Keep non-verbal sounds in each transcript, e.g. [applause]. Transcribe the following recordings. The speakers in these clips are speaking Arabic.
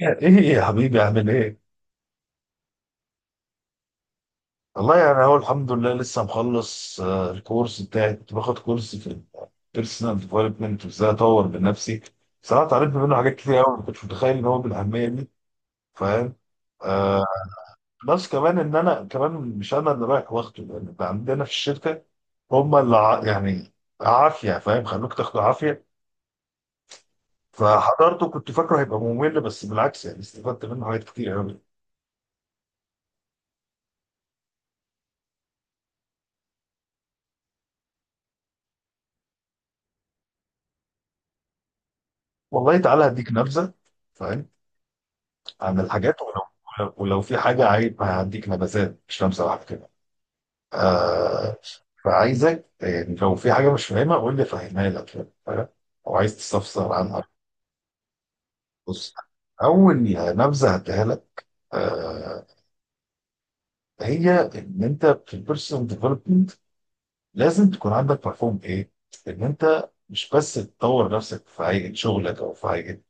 يعني ايه يا حبيبي عامل ايه؟ والله يعني اهو الحمد لله لسه مخلص الكورس بتاعي كنت باخد كورس في البيرسونال ديفلوبمنت وازاي اطور من نفسي. صراحه اتعلمت منه حاجات كتير قوي، ما كنتش متخيل ان هو بالاهميه دي. فاهم؟ آه. بلس كمان ان انا كمان مش انا اللي رايح واخده، لان اللي عندنا في الشركه هم اللي يعني عافيه، فاهم؟ خلوك تاخده عافيه. فحضرته كنت فاكره هيبقى ممل، بس بالعكس يعني استفدت منه حاجات كتير قوي. والله تعالى هديك نبذه. فاهم؟ عن الحاجات. ولو في حاجة عايز هديك نبذات، مش لمسة واحدة كده. آه. فعايزك، لو في حاجة مش فاهمها قول لي فاهمها لك. فاهم؟ أو عايز تستفسر عنها. بص. أول نبذة هديها لك، آه هي إن أنت في البيرسونال ديفلوبمنت لازم تكون عندك مفهوم إيه؟ إن أنت مش بس تطور نفسك في هيئة شغلك أو في هيئة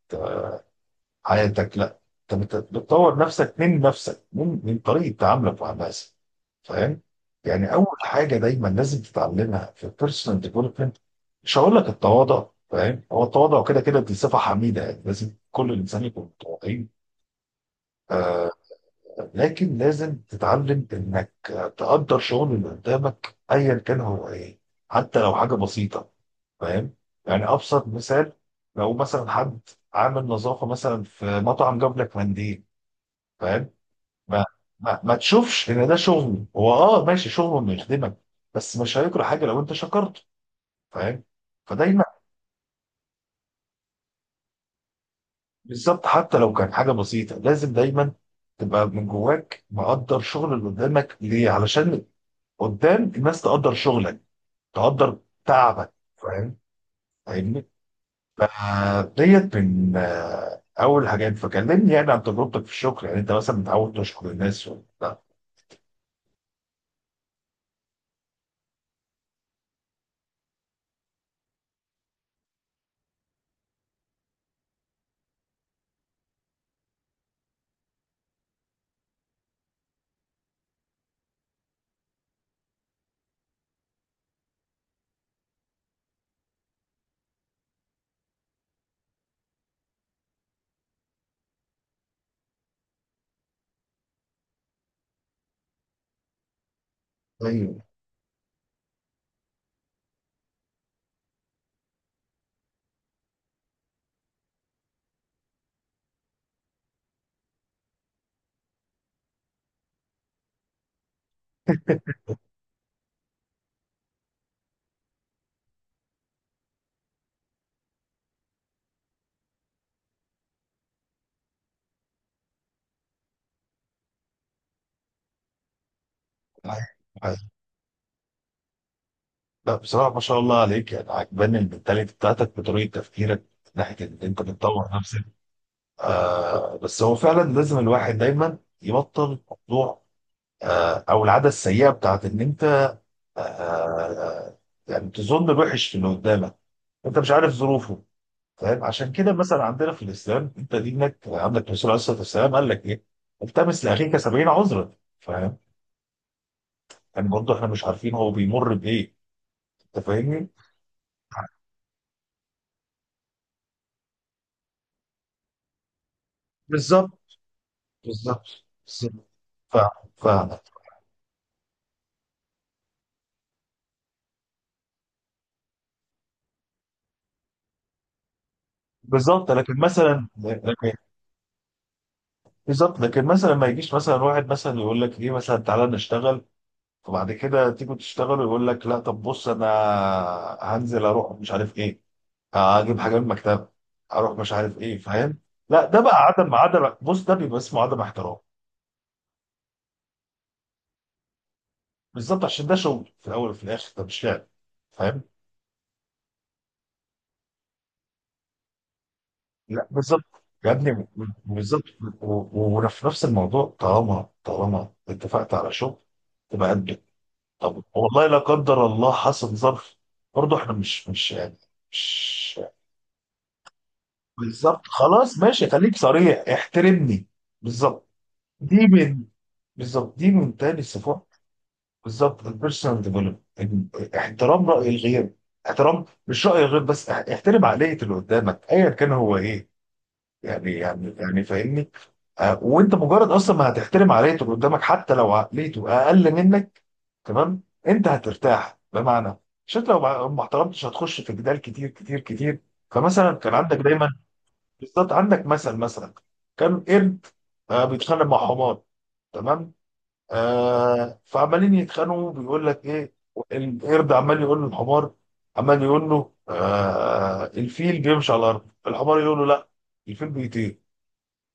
حياتك، لا، انت بتطور نفسك من نفسك، من طريقه تعاملك مع الناس. فاهم؟ يعني اول حاجه دايما لازم تتعلمها في البيرسونال ديفلوبمنت، مش هقول لك التواضع، فاهم؟ هو التواضع كده كده دي صفه حميده، يعني لازم كل انسان يكون متواضعين. آه. لكن لازم تتعلم انك تقدر شغل اللي قدامك ايا كان هو ايه، حتى لو حاجه بسيطه. فاهم؟ يعني ابسط مثال، لو مثلا حد عامل نظافه مثلا في مطعم جاب لك منديل، فاهم؟ ما ما تشوفش ان ده شغل، هو ماشي شغله انه يخدمك، بس مش هيكره حاجه لو انت شكرته، فاهم؟ فدايما بالظبط حتى لو كان حاجه بسيطه، لازم دايما تبقى من جواك مقدر شغل اللي قدامك، ليه؟ علشان قدام الناس تقدر شغلك، تقدر تعبك، فاهم؟ فاهمني؟ فديت من اول حاجات. فكلمني يعني عن تجربتك في الشغل، يعني انت مثلا متعود تشكر الناس ولا لا؟ ايوه. لا، بصراحة ما شاء الله عليك، يعني عجباني المنتاليتي بتاعتك بطريقة تفكيرك من ناحية إن أنت بتطور نفسك. آه، بس هو فعلا لازم الواحد دايما يبطل موضوع، آه، أو العادة السيئة بتاعت إن أنت، آه آه، يعني تظن الوحش في اللي قدامك، أنت مش عارف ظروفه. فاهم؟ عشان كده مثلا عندنا في الإسلام، أنت دينك عندك الرسول عليه الصلاة والسلام قال لك إيه؟ التمس لأخيك سبعين عذرا. فاهم؟ يعني برضه إحنا مش عارفين هو بيمر بإيه. أنت فاهمني؟ بالظبط، بالظبط. ف... ف... بالظبط لكن مثلا بالظبط لكن مثلا ما يجيش مثلا واحد مثلا يقول لك ايه، مثلا تعالى نشتغل، فبعد كده تيجي تشتغل ويقول لك لا، طب بص، انا هنزل اروح مش عارف ايه، هجيب حاجه من المكتبه، اروح مش عارف ايه، فاهم؟ لا، ده بقى عدم، بص، ده بيبقى اسمه عدم احترام. بالظبط، عشان ده شغل في الاول وفي الاخر، ده مش لعب. فاهم؟ لا بالظبط. يا ابني، بالظبط. و- و- وفي نفس الموضوع، طالما اتفقت على شغل تبقى قد. طب والله، لا قدر الله حصل ظرف، برضه احنا مش يعني مش بالظبط، خلاص ماشي، خليك صريح، احترمني. بالظبط، دي من. بالظبط، دي من تاني صفات. بالظبط، البيرسونال ديفلوبمنت: احترام رأي الغير. احترام مش رأي الغير بس، احترم عقلية اللي قدامك ايا كان هو ايه. يعني فاهمني؟ وانت مجرد اصلا ما هتحترم عقليه اللي قدامك حتى لو عقليته اقل منك، تمام، انت هترتاح. بمعنى، عشان لو ما احترمتش هتخش في جدال كتير كتير كتير. فمثلا كان عندك دايما بالظبط، عندك مثل، مثلا كان قرد بيتخانق مع حمار، تمام؟ فعمالين يتخانقوا، بيقول لك ايه؟ القرد عمال يقول للحمار، عمال يقول له الفيل بيمشي على الارض، الحمار يقول له لا، الفيل بيطير.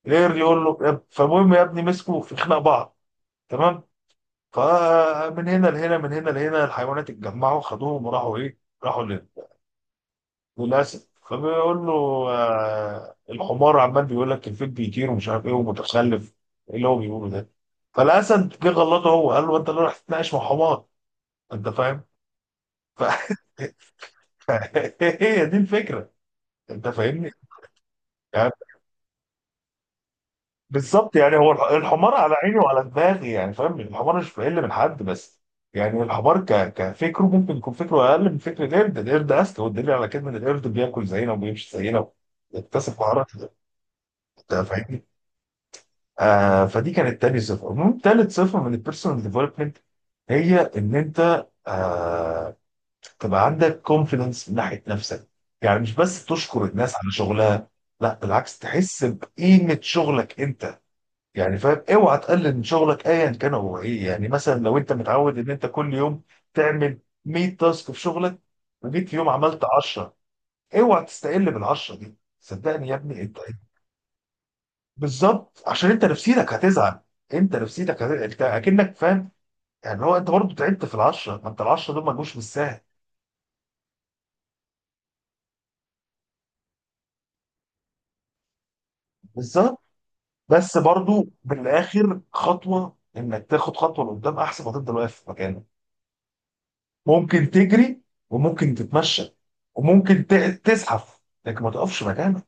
غير يقول له فالمهم يا ابني، مسكوا في خناق بعض، تمام. فمن هنا لهنا، من هنا لهنا، الحيوانات اتجمعوا خدوهم وراحوا ايه؟ راحوا للاسد. فبيقول له الحمار عمال بيقول لك الفيل بيطير ومش عارف ايه ومتخلف، ايه اللي هو بيقوله ده؟ فالاسد جه غلطه، هو قال له: انت اللي راح تتناقش مع حمار؟ انت فاهم؟ ف... [laughs] هي دي الفكره، انت فاهمني؟ يعني بالظبط، يعني هو الحمار على عيني وعلى دماغي، يعني فاهم، الحمار مش بيقل من حد، بس يعني الحمار كفكره ممكن يكون فكره اقل من فكر القرد. القرد اذكى، والدليل على كده ان القرد بياكل زينا وبيمشي زينا ويكتسب مهارات. انت فاهمني؟ آه، فدي كانت تاني صفه. المهم تالت صفه من البيرسونال ديفلوبمنت، هي ان انت تبقى عندك كونفيدنس من ناحيه نفسك. يعني مش بس تشكر الناس على شغلها، لا بالعكس، تحس بقيمه شغلك انت. يعني فاهم؟ اوعى تقلل من شغلك ايا كان هو ايه. يعني مثلا لو انت متعود ان انت كل يوم تعمل 100 تاسك في شغلك، وجيت في يوم عملت 10، اوعى تستقل بال 10 دي، صدقني يا ابني انت. بالظبط، عشان انت نفسيتك هتزعل، انت نفسيتك انت اكنك فاهم؟ يعني هو انت برضه تعبت في ال 10، ما انت ال 10 دول ما جوش بالسهل. بالظبط، بس برضه بالاخر خطوه، انك تاخد خطوه لقدام احسن ما تفضل واقف في مكانك. ممكن تجري، وممكن تتمشى، وممكن تزحف، لكن ما تقفش مكانك.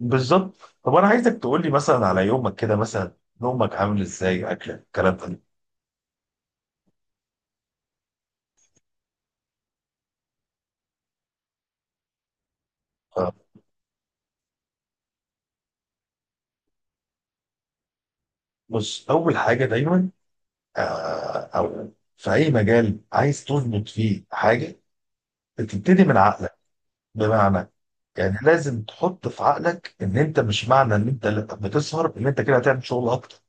بالظبط. طب انا عايزك تقول لي مثلا على يومك كده، مثلا نومك عامل ازاي، اكلك، الكلام ده. آه، بص اول حاجه دايما، آه، او في اي مجال عايز تظبط فيه حاجه، بتبتدي من عقلك. بمعنى، يعني لازم تحط في عقلك ان انت مش معنى ان انت بتسهر ان انت كده هتعمل شغل اكتر،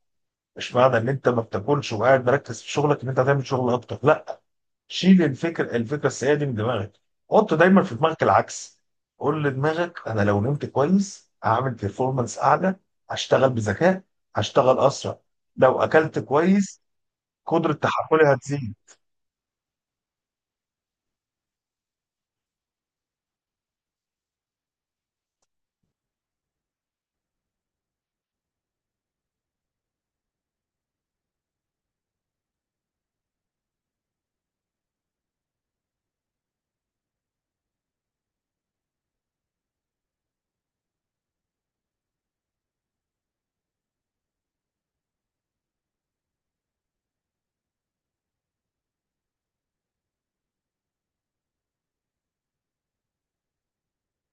مش معنى ان انت ما بتاكلش وقاعد مركز في شغلك ان انت هتعمل شغل اكتر، لا. شيل الفكره السيئه دي من دماغك. حط دايما في دماغك العكس. قول لدماغك: انا لو نمت كويس هعمل بيرفورمانس اعلى، هشتغل بذكاء، هشتغل اسرع، لو اكلت كويس قدره تحملي هتزيد.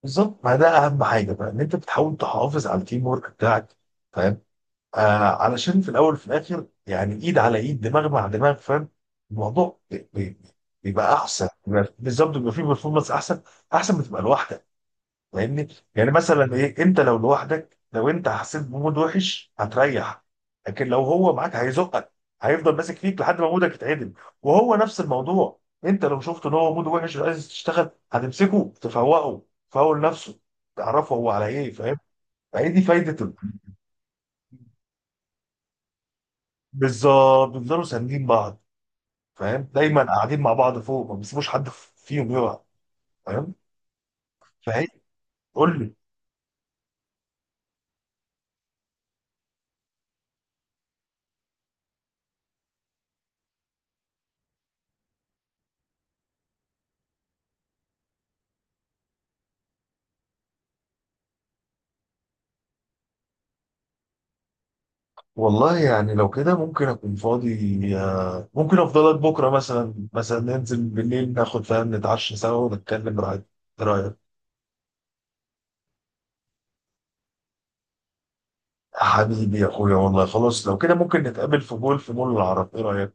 بالظبط، ما ده اهم حاجه بقى، ان انت بتحاول تحافظ على التيم ورك بتاعك، فاهم؟ آه، علشان في الاول وفي الاخر، يعني ايد على ايد، دماغ مع دماغ، فاهم؟ الموضوع بيبقى احسن، بالظبط، بيبقى فيه بيرفورمانس احسن، احسن ما تبقى لوحدك، فاهمني؟ يعني مثلا ايه، انت لو لوحدك لو انت حسيت بمود وحش هتريح، لكن لو هو معاك هيزقك، هيفضل ماسك فيك لحد ما مودك يتعدل. وهو نفس الموضوع، انت لو شفت ان هو مود وحش وعايز تشتغل هتمسكه، تفوقه، تفول نفسه، تعرفه هو على ايه، فاهم؟ فهي دي فايده بالظبط، بيفضلوا ساندين بعض، فاهم؟ دايما قاعدين مع بعض، فوق ما بيسيبوش حد فيهم يقع، فاهم؟ فهي قول لي. والله يعني لو كده ممكن اكون فاضي، ممكن افضلك بكره مثلا ننزل بالليل ناخد، فاهم، نتعشى سوا ونتكلم، رايك ايه؟ رايك؟ حبيبي يا اخويا، والله خلاص لو كده ممكن نتقابل في مول العرب، ايه رايك؟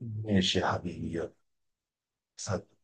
ماشي يا حبيبي، يلا. سلام.